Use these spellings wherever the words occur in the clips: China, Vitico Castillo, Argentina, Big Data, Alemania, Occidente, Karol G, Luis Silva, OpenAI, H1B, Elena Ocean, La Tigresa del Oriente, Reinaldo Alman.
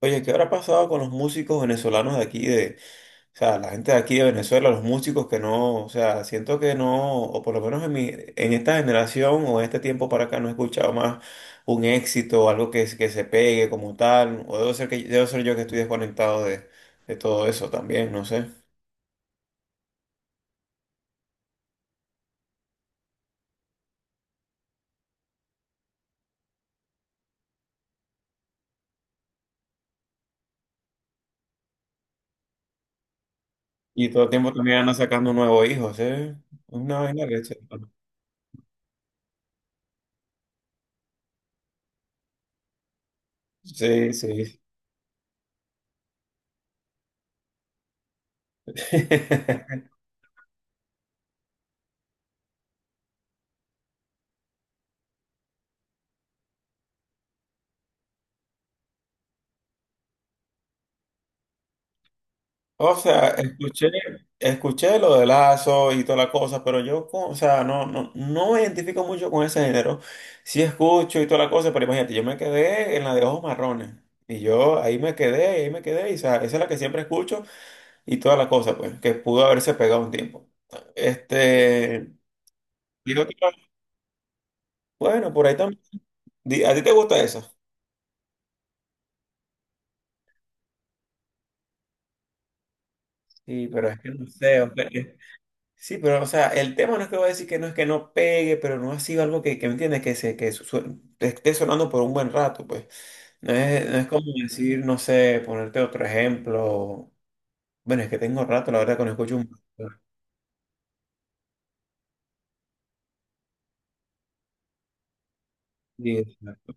Oye, ¿qué habrá pasado con los músicos venezolanos de aquí? O sea, la gente de aquí de Venezuela, los músicos que no, o sea, siento que no, o por lo menos en esta generación o en este tiempo para acá no he escuchado más un éxito, algo que se pegue como tal, o debo ser debo ser yo que estoy desconectado de todo eso también, no sé. Y todo el tiempo también andan sacando nuevos hijos, ¿eh? Una vaina que... Sí, sí. O sea, escuché lo de Lazo y toda la cosa, pero yo, o sea, no, no, no me identifico mucho con ese género. Sí escucho y toda la cosa, pero imagínate, yo me quedé en la de Ojos Marrones. Y yo ahí me quedé, y o sea, esa es la que siempre escucho y toda la cosa, pues, que pudo haberse pegado un tiempo. Este, y otra- bueno, por ahí también. ¿A ti te gusta eso? Sí, pero es que no sé, Oscar. Sí, pero o sea, el tema no es que voy a decir que no es que no pegue, pero no ha sido algo que me entiendes, que te esté sonando por un buen rato, pues. No es, no es como decir, no sé, ponerte otro ejemplo. Bueno, es que tengo rato, la verdad, que no escucho un. Sí, exacto.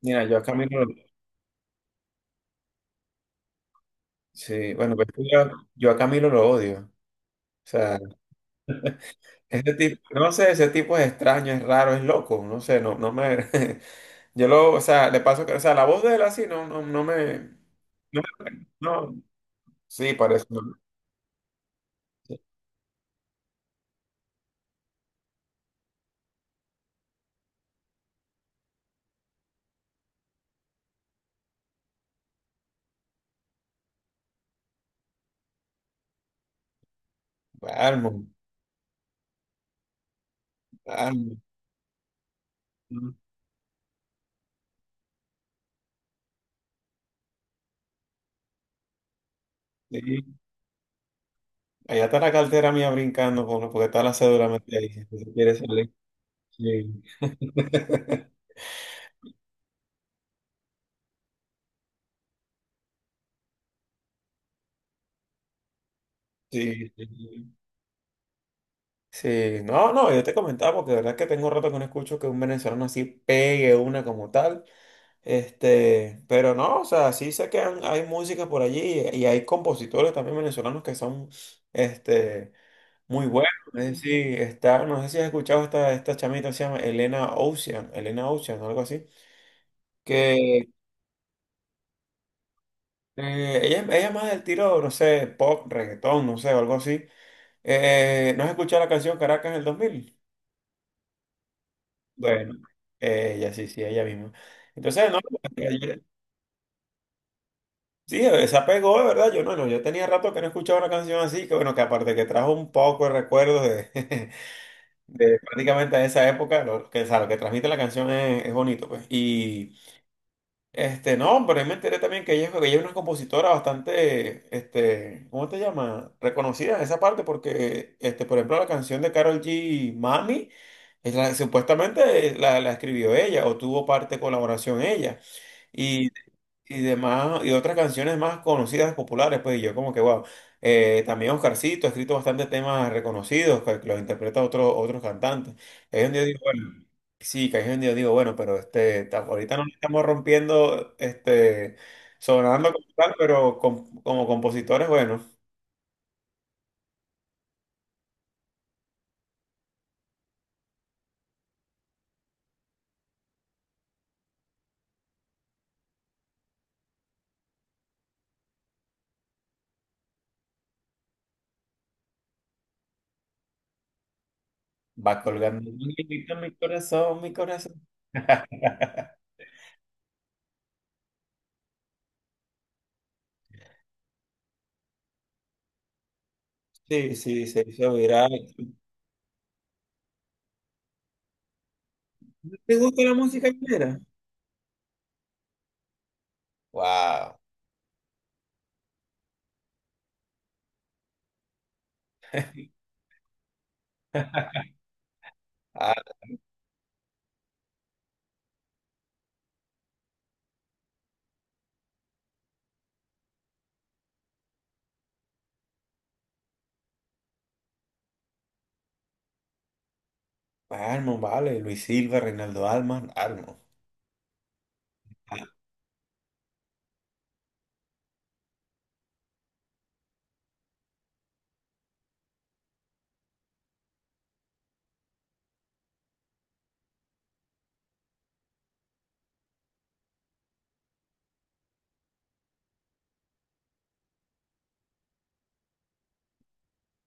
Mira, yo a Camilo, lo- Sí, bueno, pues, yo a Camilo lo odio. O sea, ese tipo, no sé, ese tipo es extraño, es raro, es loco, no sé, no, no me, yo lo, o sea, le paso, que- o sea, la voz de él así, no, sí, parece, no. Almo, almo. Sí. Allá está la cartera mía brincando con- porque está la cédula metida ahí. Si se quiere salir. Sí. Sí, sí, sí. Sí, no, no, yo te comentaba porque de verdad que tengo rato que no escucho que un venezolano así pegue una como tal. Este, pero no, o sea, sí sé que han- hay música por allí y hay compositores también venezolanos que son este muy buenos. Es decir, está, no sé si has escuchado esta chamita se llama Elena Ocean, Elena Ocean, algo así. Que ella, ella es más del tiro, no sé, pop, reggaetón, no sé, o algo así. ¿No has escuchado la canción Caracas en el 2000? Bueno, ella sí, sí, ella misma. Entonces, no, eh, sí, se apegó, de verdad, yo no, no, yo tenía rato que no escuchaba una canción así, que bueno, que aparte que trajo un poco de recuerdos de, de prácticamente esa época, lo que, o sea, lo que transmite la canción es bonito, pues. Y este, no, pero ahí me enteré también que que ella es una compositora bastante, este, ¿cómo te llama? Reconocida en esa parte porque, este, por ejemplo, la canción de Karol G, Mami, supuestamente la escribió ella o tuvo parte de colaboración ella y demás, y otras canciones más conocidas, populares, pues y yo como que, wow. También Oscarcito ha escrito bastantes temas reconocidos, que los interpreta otros cantantes. Ahí es donde yo digo, bueno, sí, que ahí es donde yo digo, bueno, pero ahorita no lo estamos rompiendo, este, sonando como tal, pero como compositores, bueno, va colgando un hilito en mi corazón, mi corazón. Sí, sí, se hizo viral. ¿Te gusta la música ligera? Wow. Armo, vale, Luis Silva, Reinaldo Alman, Armo.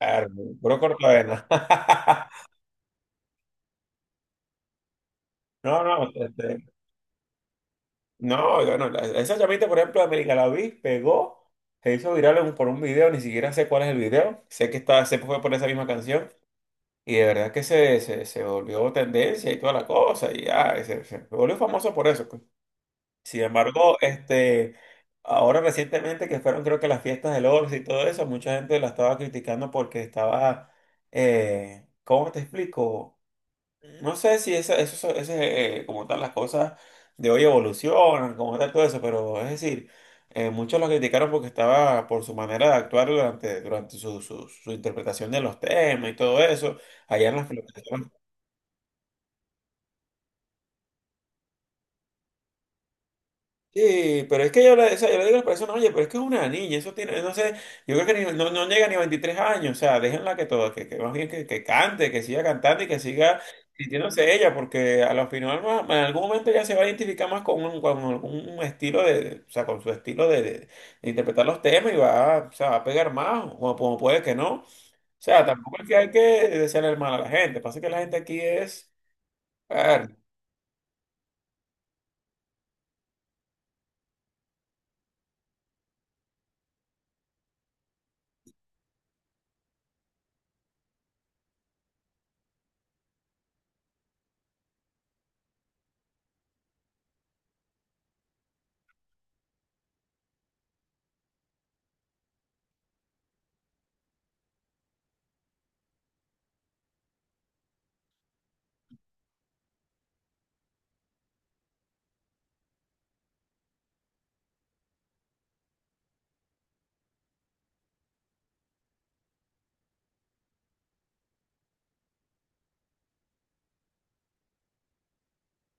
Armo, puro cortavena. No, no, este, no, yo no, esa llamita, por ejemplo, de América la vi, pegó, se hizo viral en- por un video, ni siquiera sé cuál es el video, sé que está, se fue por esa misma canción, y de verdad que se volvió tendencia y toda la cosa, y ya, y se volvió famoso por eso, pues. Sin embargo, este, ahora recientemente que fueron creo que las fiestas del Oro y todo eso, mucha gente la estaba criticando porque estaba, ¿cómo te explico? No sé si eso es, como tal las cosas de hoy evolucionan, como tal todo eso, pero es decir, muchos la criticaron porque estaba por su manera de actuar durante su interpretación de los temas y todo eso, allá en las fiestas. Sí, pero es que yo le, o sea, yo le digo a las personas, oye, pero es que es una niña, eso tiene, no sé, yo creo que no, no llega ni a 23 años, o sea, déjenla que todo, que más bien que cante, que siga cantando y que siga sintiéndose ella, porque a lo final en algún momento ya se va a identificar más con un, con algún estilo de, o sea, con su estilo de interpretar los temas y o sea, va a pegar más, o como, como puede que no. O sea, tampoco es que hay que desearle el mal a la gente, pasa que la gente aquí es... A ver.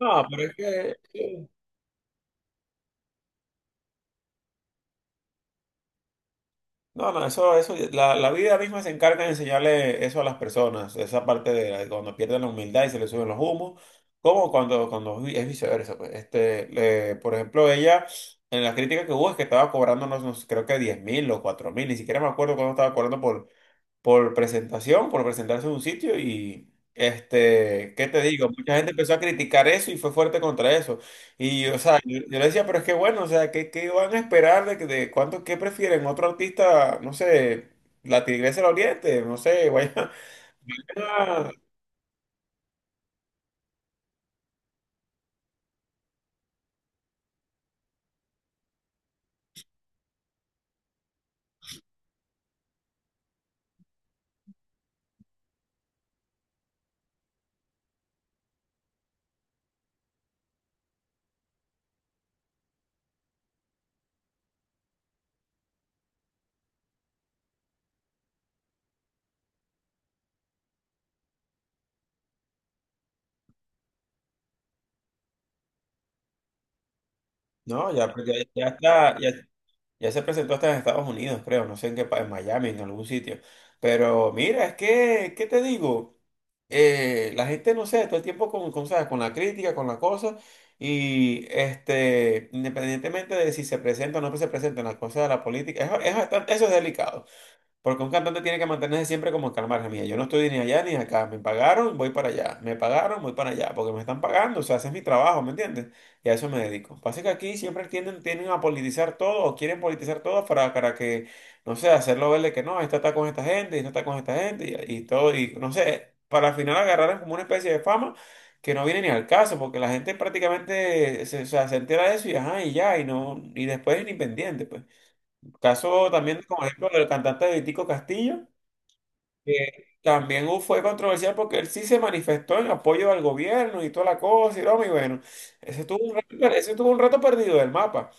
No, pero es que... No, no, la vida misma se encarga de enseñarle eso a las personas, esa parte de cuando pierden la humildad y se le suben los humos, como es viceversa, pues, este, por ejemplo, ella, en la crítica que hubo es que estaba cobrándonos, creo que 10.000 o 4.000, ni siquiera me acuerdo cuándo estaba cobrando por presentación, por presentarse en un sitio y, este, ¿qué te digo? Mucha gente empezó a criticar eso y fue fuerte contra eso. Y, o sea, yo le decía, pero es que bueno, o sea, ¿qué, qué van a esperar de, de cuánto, qué prefieren? Otro artista, no sé, La Tigresa del Oriente, no sé, vaya. Ah, no, ya, pues, ya, ya está, ya. Ya se presentó hasta en Estados Unidos, creo, no sé en qué país, en Miami, en algún sitio. Pero mira, es que, ¿qué te digo? La gente, no sé, todo el tiempo ¿sabes?, con la crítica, con la cosa, y este, independientemente de si se presenta o no se presenta en la cosa de la política, es bastante, eso es delicado. Porque un cantante tiene que mantenerse siempre como que al margen, mira, yo no estoy ni allá ni acá, me pagaron, voy para allá, me pagaron, voy para allá, porque me están pagando, o sea, ese es mi trabajo, ¿me entiendes? Y a eso me dedico. Pasa que aquí siempre tienden, tienden a politizar todo, o quieren politizar todo para que, no sé, hacerlo verle que no, esta está con esta gente, esta está con esta gente, y todo, y no sé, para al final agarrar como una especie de fama que no viene ni al caso, porque la gente prácticamente se, o sea, se entera de eso y ajá, y ya, y no, y después es ni pendiente, pues. Caso también, como ejemplo, del cantante Vitico Castillo, que también hu- fue controversial porque él sí se manifestó en apoyo al gobierno y toda la cosa y broma, y bueno, ese tuvo un rato, ese tuvo un rato perdido del mapa.